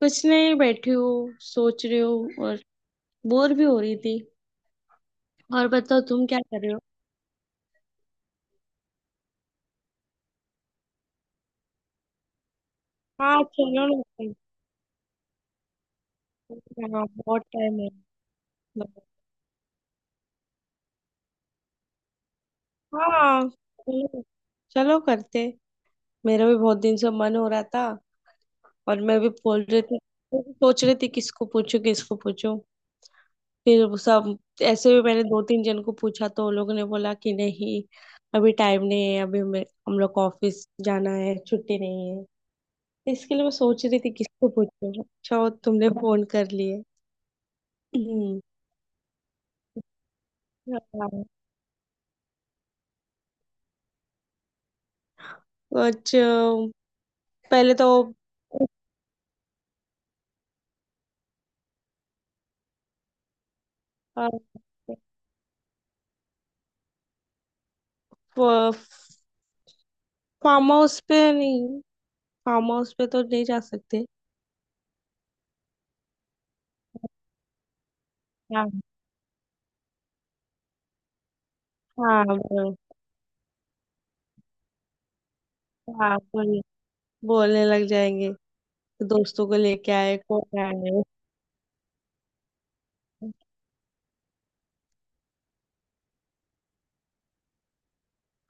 कुछ नहीं, बैठी हूँ सोच रही हूँ और बोर भी हो रही थी। और बताओ, तुम क्या कर रहे हो? हाँ, चलो ना करते हैं। हाँ, बहुत टाइम है। हाँ, चलो, चलो करते हैं। मेरा भी बहुत दिन से मन हो रहा था। और मैं भी बोल रही थी, सोच रही थी किसको पूछूं, किसको पूछूं, फिर वो सब। ऐसे भी मैंने दो तीन जन को पूछा तो उन लोगों ने बोला कि नहीं, अभी टाइम नहीं है, अभी हम लोग को ऑफिस जाना है, छुट्टी नहीं है। इसके लिए मैं सोच रही थी किसको पूछूं, अच्छा वो तुमने फोन कर लिए। हम्म, हाँ। कुछ। पहले तो अ, फ- फार्म हाउस पे नहीं। फार्म हाउस पे तो नहीं जा सकते। हाँ, हाँ। हाँ, बोलने लग जाएंगे कि दोस्तों को लेके आए, कौन आए।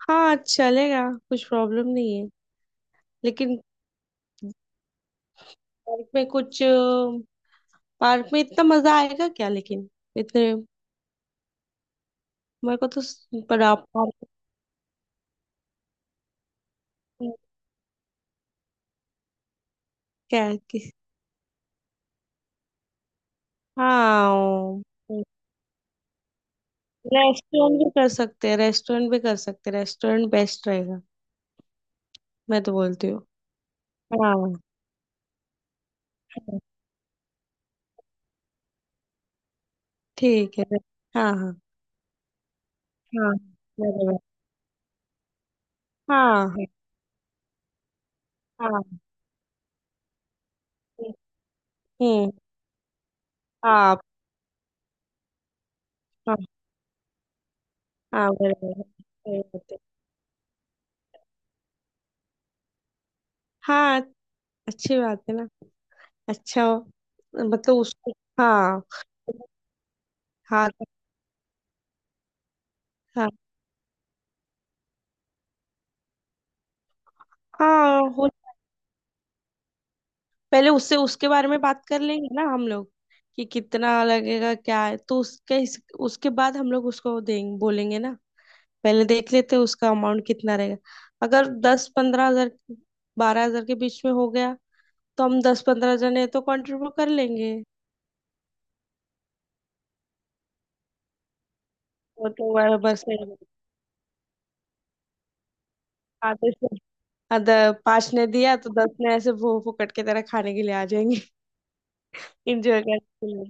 हाँ, चलेगा, कुछ प्रॉब्लम नहीं है, लेकिन पार्क में कुछ, पार्क में इतना मजा आएगा क्या, लेकिन इतने। मेरे को तो पर आप, क्या कि। हाँ, रेस्टोरेंट भी कर सकते हैं, रेस्टोरेंट भी कर सकते हैं, रेस्टोरेंट बेस्ट रहेगा। मैं तो बोलती हूँ। हाँ, हाँ, ठीक है। हाँ, हाँ। हाँ बराबर। हाँ, हाँ, हाँ। हम्म। आप। हाँ, हाँ, बराबर सही बात है। हाँ, अच्छी बात है ना। अच्छा, मतलब उसको। हाँ, हाँ, हाँ, हाँ हो। पहले उससे उसके बारे में बात कर लेंगे ना हम लोग कि कितना लगेगा, क्या है, तो उसके बाद हम लोग उसको देंगे, बोलेंगे ना। पहले देख लेते हैं उसका अमाउंट कितना रहेगा। अगर 10-15 हजार, 12 हजार के बीच में हो गया तो हम 10-15 जने तो कंट्रीब्यूट कर लेंगे। वो तो बराबर से, आधे से आधा, पांच ने दिया तो दस ने ऐसे भो फुकट के तरह खाने के लिए आ जाएंगे। इंजॉय करने के लिए।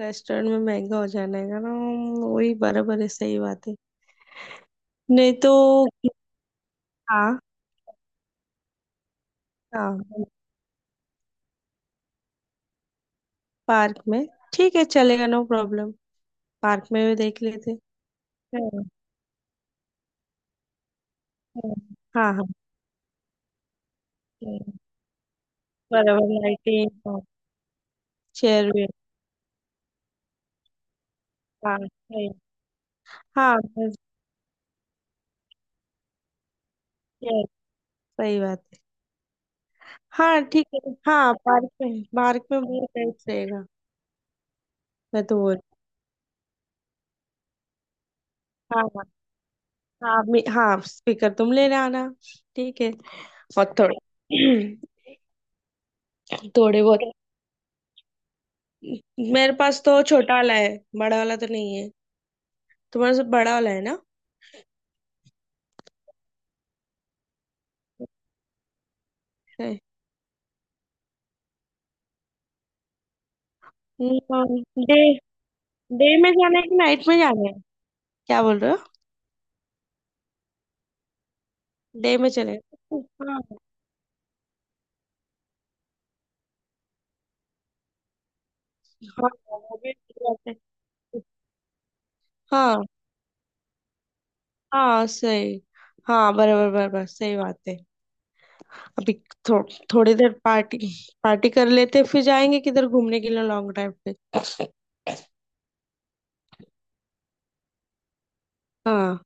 रेस्टोरेंट में महंगा हो जाएगा ना, वही बराबर है, सही बात है। नहीं तो। हाँ, हाँ। पार्क में, ठीक है चलेगा, नो प्रॉब्लम। पार्क में भी देख लेते। हम्म, हम्म, हाँ, हाँ। हम्म, बराबर लाइटिंग। चेयर भी। हाँ सही। हाँ बस। Yes, सही बात है। हाँ, ठीक है। हाँ, पार्क में, पार्क में बहुत बेस्ट रहेगा। मैं तो बोल। हाँ, हाँ। हाँ हाँ, स्पीकर तुम लेने आना, ठीक है। और थोड़े। थोड़े बहुत, मेरे पास तो छोटा वाला है, बड़ा वाला तो नहीं है, तुम्हारे से बड़ा वाला है ना। डे डे में जाना है कि नाइट में जाना है, क्या बोल रहे हो? डे में चले। हाँ। हाँ, वो भी ठीक बात है। हाँ, हाँ सही। हाँ, बराबर बराबर सही बात है। अभी थो, थोड़ी देर पार्टी, पार्टी कर लेते हैं, फिर जाएंगे किधर घूमने के लिए, लॉन्ग ड्राइव पे। हाँ,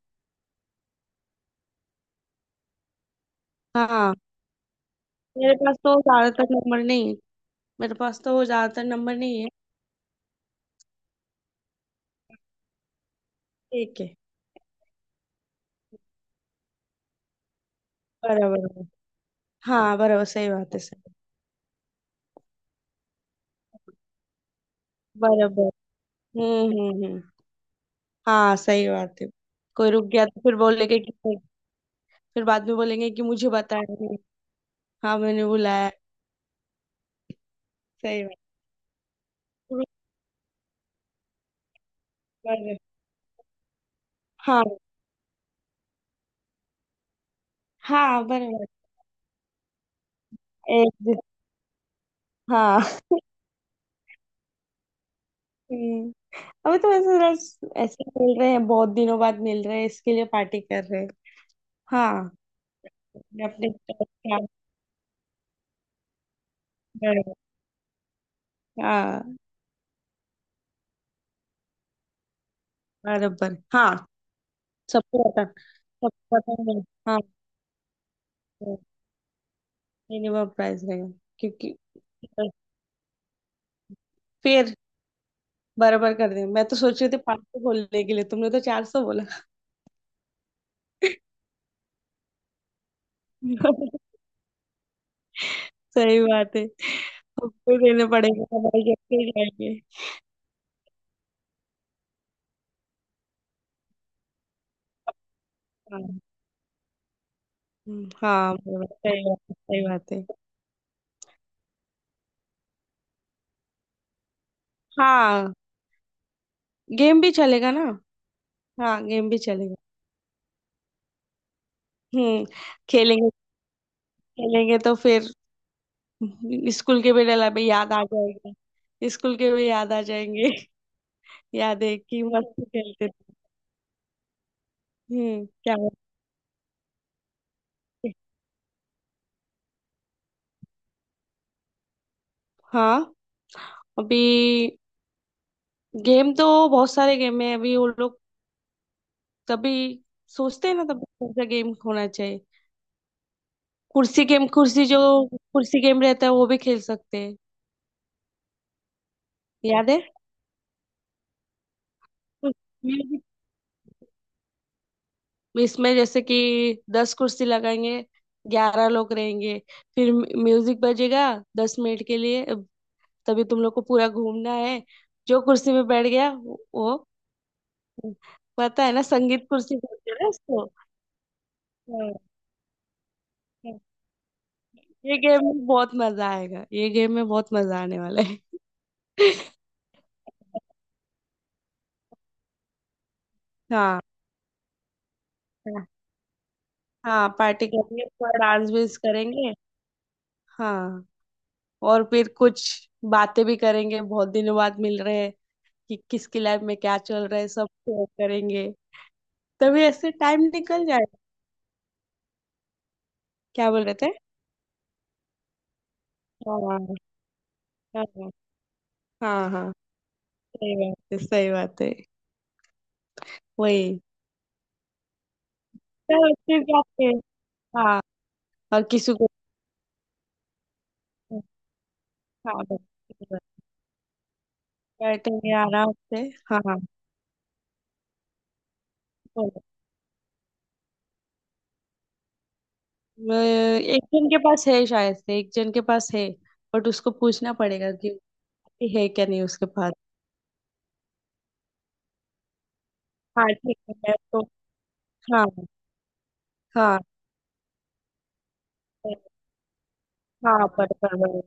हाँ। मेरे पास तो ज्यादातर नंबर नहीं है। मेरे पास तो ज्यादातर नंबर नहीं है। ठीक है। बराबर बराबर। हाँ, बराबर सही बात है, सही, बराबर। हम्म, हम्म, हम्म। हाँ सही बात है। कोई रुक गया तो फिर बोलेंगे कि, फिर बाद में बोलेंगे कि मुझे बताया नहीं। हाँ मैंने बुलाया। सही बात है। बराबर। हाँ, हाँ बराबर। एक दिन। हाँ। हम्म। अभी तो ऐसे रोज, ऐसे मिल रहे हैं, बहुत दिनों बाद मिल रहे हैं, इसके लिए पार्टी कर रहे हैं। हाँ। अपने अपने तरफ से आप कर रहे हैं। हाँ, बराबर, हाँ। सबको पता है। हाँ, मिनिमम प्राइस रहेगा। क्योंकि, फिर, बराबर कर दिया, मैं तो सोच रही थी 500 बोलने के लिए, तुमने तो 400 बोला। सही बात है, हमको ही देने पड़ेगा, हमारे जेब से ही जाएंगे। हाँ। हाँ, बराबर सही बात है, सही बात है। हाँ, गेम भी चलेगा ना। हाँ, गेम भी चलेगा। हम्म। खेलेंगे, खेलेंगे तो फिर स्कूल के भी डला भी याद आ जाएगा, स्कूल के भी याद आ जाएंगे। याद है कि मस्त खेलते थे। हम्म, क्या बात है। हाँ, अभी, गेम तो बहुत सारे गेम है, अभी वो लोग तभी सोचते हैं ना तब कौन सा गेम होना चाहिए। कुर्सी जो कुर्सी गेम रहता है वो भी खेल सकते हैं। याद है। म्यूजिक। इसमें जैसे कि 10 कुर्सी लगाएंगे, 11 लोग रहेंगे, फिर म्यूजिक बजेगा 10 मिनट के लिए, अब तभी तुम लोग को पूरा घूमना है, जो कुर्सी में बैठ गया वो। पता है ना संगीत कुर्सी बोलते हैं ना इसको। हाँ, हाँ। ये गेम में बहुत मजा आएगा, ये गेम में बहुत मजा आने वाला है। हाँ, हाँ, पार्टी करेंगे, थोड़ा डांस भी करेंगे। हाँ। और फिर कुछ बातें भी करेंगे, बहुत दिनों बाद मिल रहे हैं, कि किसकी लाइफ में क्या चल रहा है सब शेयर करेंगे, तभी ऐसे टाइम निकल जाएगा। क्या बोल रहे थे? हाँ, हाँ। हाँ, हाँ, सही बात है सही बात है। वही। चलो फिर जाते हैं। हाँ, और किसी को। हाँ बस, बैठेंगे आराम से। हाँ, बोलो। एक जन के पास है, शायद से एक जन के पास है, बट उसको पूछना पड़ेगा कि है क्या नहीं उसके पास। हाँ, ठीक है, मैं तो। हाँ, हाँ। हाँ, पर।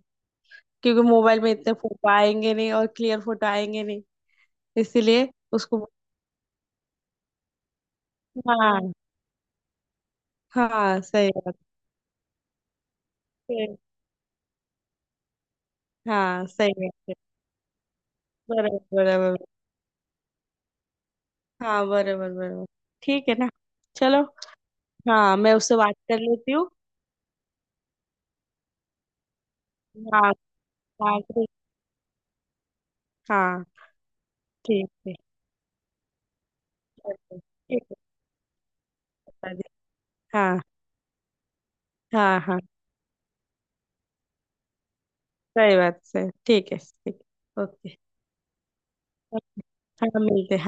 क्योंकि मोबाइल में इतने फोटो आएंगे नहीं, और क्लियर फोटो आएंगे नहीं, इसीलिए उसको। हाँ, हाँ, सही बात है। हाँ, सही बात है। बराबर बराबर। हाँ, बराबर बराबर। ठीक है ना। चलो। हाँ, मैं उससे बात कर लेती हूँ। हाँ, हाँ, ठीक। हाँ, ठीक है। चलो, ठीक है। बता दे। हाँ, हाँ। हाँ सही बात, सही, ठीक है, ठीक। ओके। हाँ, मिलते हैं।